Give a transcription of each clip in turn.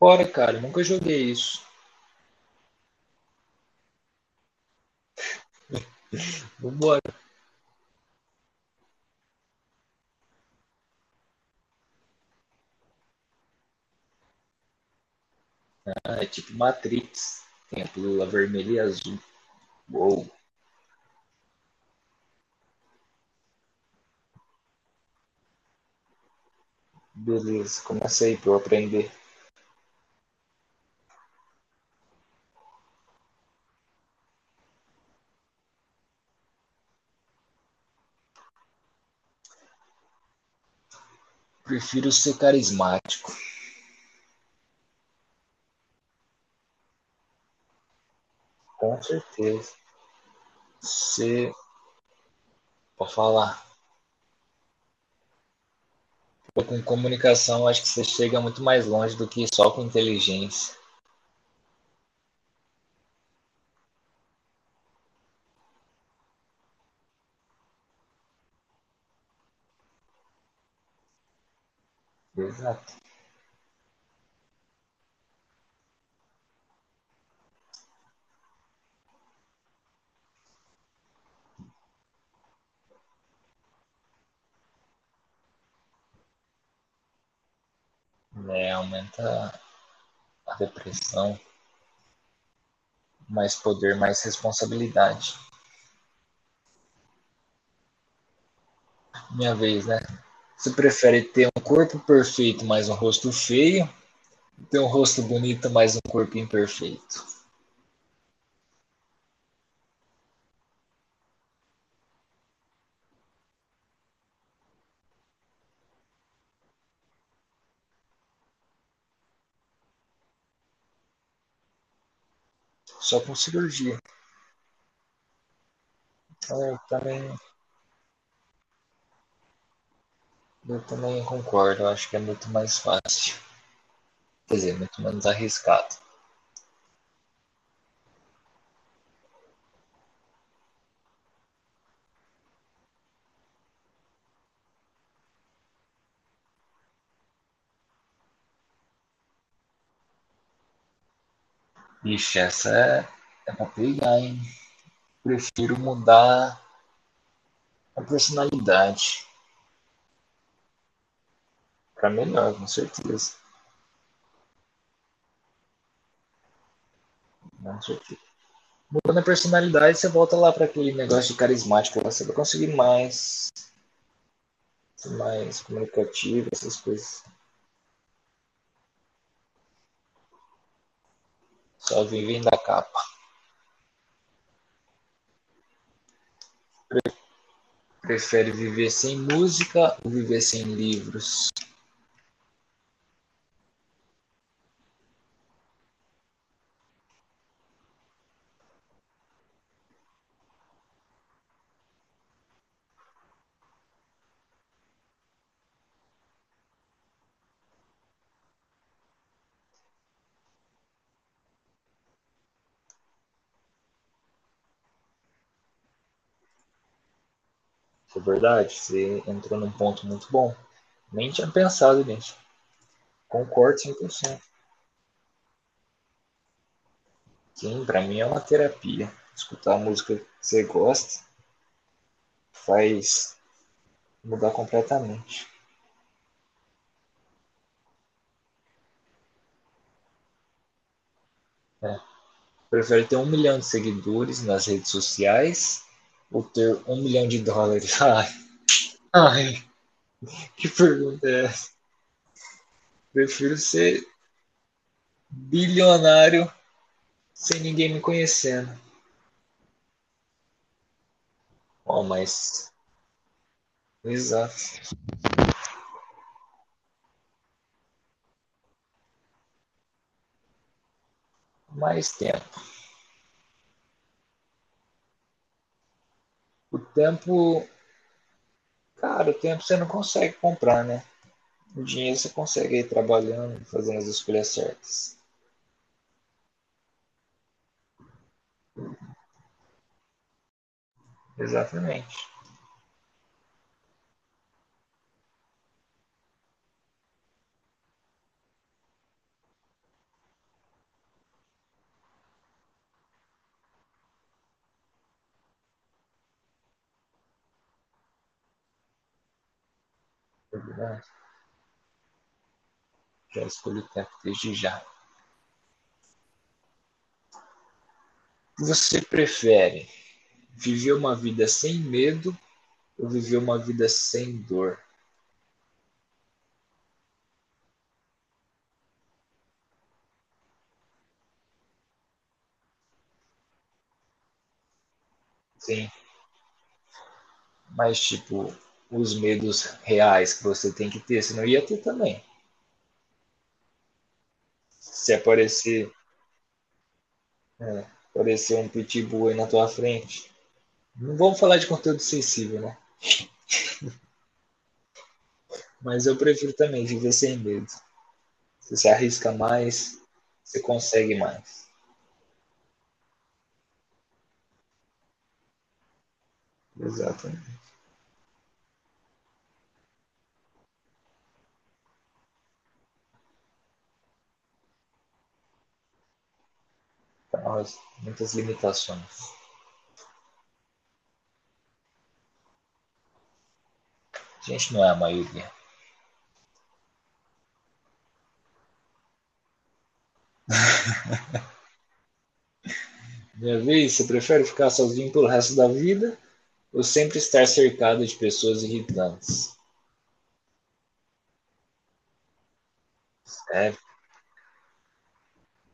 Bora, cara, nunca joguei isso. Vambora, né? É tipo Matrix. Tem a pílula vermelha e azul. Uou, beleza, começa aí pra eu aprender. Prefiro ser carismático, com certeza. Ser, pra falar, pô, com comunicação acho que você chega muito mais longe do que só com inteligência. Exato. Né, aumenta a depressão, mais poder, mais responsabilidade. Minha vez, né? Você prefere ter um corpo perfeito, mas um rosto feio? Ter um rosto bonito, mas um corpo imperfeito. Só com cirurgia. Então eu também concordo. Eu acho que é muito mais fácil. Quer dizer, muito menos arriscado. Ixi, essa é, é pra pegar, hein? Prefiro mudar a personalidade. Pra melhor, com certeza. Com certeza. Mudando a personalidade, você volta lá pra aquele negócio de carismático. Você vai conseguir mais, mais comunicativo, essas coisas. Só vivem da capa. Prefere viver sem música ou viver sem livros? É verdade, você entrou num ponto muito bom. Nem tinha pensado nisso. Concordo 100%. Sim, para mim é uma terapia. Escutar a música que você gosta faz mudar completamente. É. Prefere ter 1 milhão de seguidores nas redes sociais ou ter 1 milhão de dólares? Ai, ai, que pergunta é essa? Prefiro ser bilionário sem ninguém me conhecendo. Bom, mas exato. Mais tempo. O tempo, cara, o tempo você não consegue comprar, né? O dinheiro você consegue ir trabalhando, fazendo as escolhas certas. Exatamente. Já escolhi o tempo desde já. Você prefere viver uma vida sem medo ou viver uma vida sem dor? Sim, mas tipo, os medos reais que você tem que ter, senão ia ter também. Se aparecer, é, aparecer um pitbull aí na tua frente. Não vamos falar de conteúdo sensível, né? Mas eu prefiro também viver sem medo. Você se arrisca mais, você consegue mais. Exato. Então, muitas limitações. A gente não é a maioria. Minha vez, você prefere ficar sozinho pelo resto da vida ou sempre estar cercado de pessoas irritantes? É,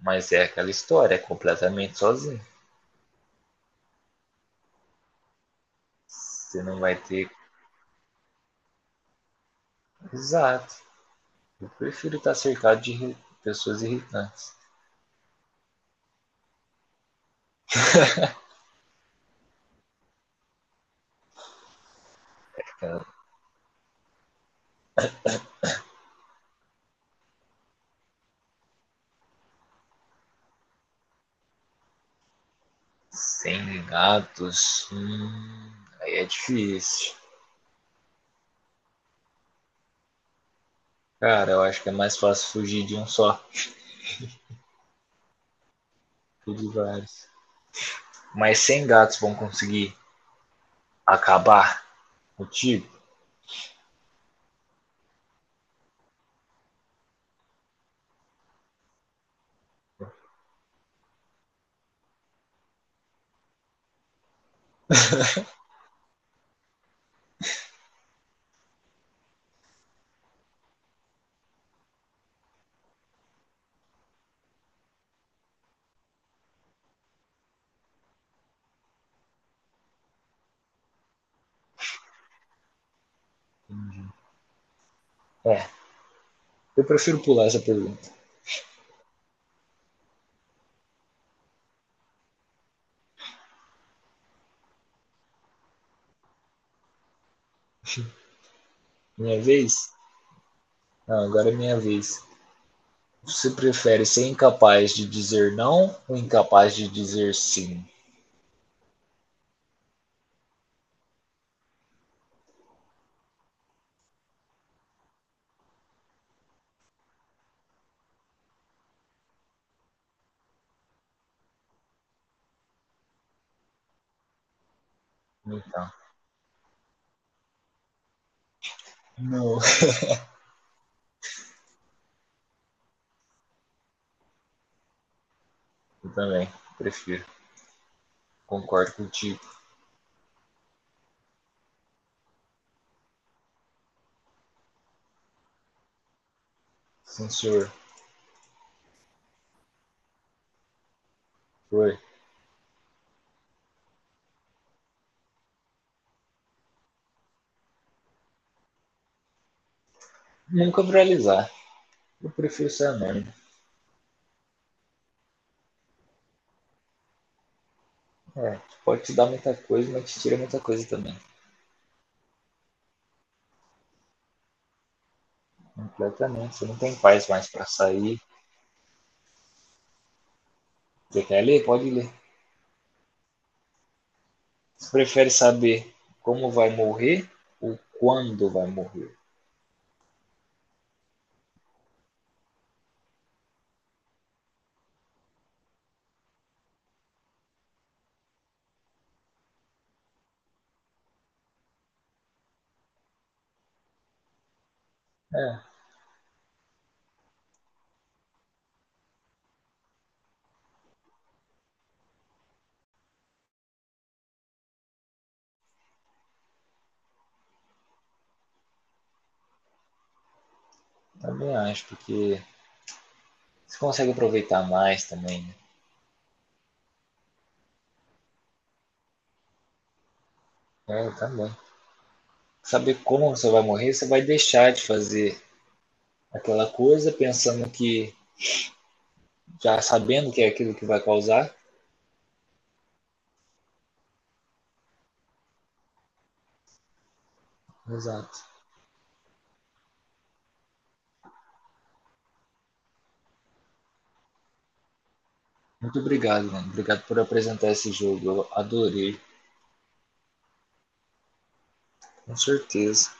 mas é aquela história, é completamente sozinho. Você não vai ter. Exato. Eu prefiro estar cercado de pessoas irritantes. Sem gatos. Aí é difícil. Cara, eu acho que é mais fácil fugir de um só que de vários. Mas 100 gatos vão conseguir acabar contigo? É. Eu prefiro pular essa pergunta. Minha vez? Não, agora é minha vez. Você prefere ser incapaz de dizer não ou incapaz de dizer sim? Então, não. Eu também prefiro. Concordo contigo. Sim, senhor. Foi. Nunca viralizar. Eu prefiro ser anônimo. É, pode te dar muita coisa, mas te tira muita coisa também. Completamente. Você não tem paz mais para sair. Você quer ler? Pode ler. Você prefere saber como vai morrer ou quando vai morrer? É, também acho, porque você consegue aproveitar mais também, né? É, também. Saber como você vai morrer, você vai deixar de fazer aquela coisa pensando que, já sabendo que é aquilo que vai causar. Exato. Muito obrigado, mano. Obrigado por apresentar esse jogo. Eu adorei, com certeza.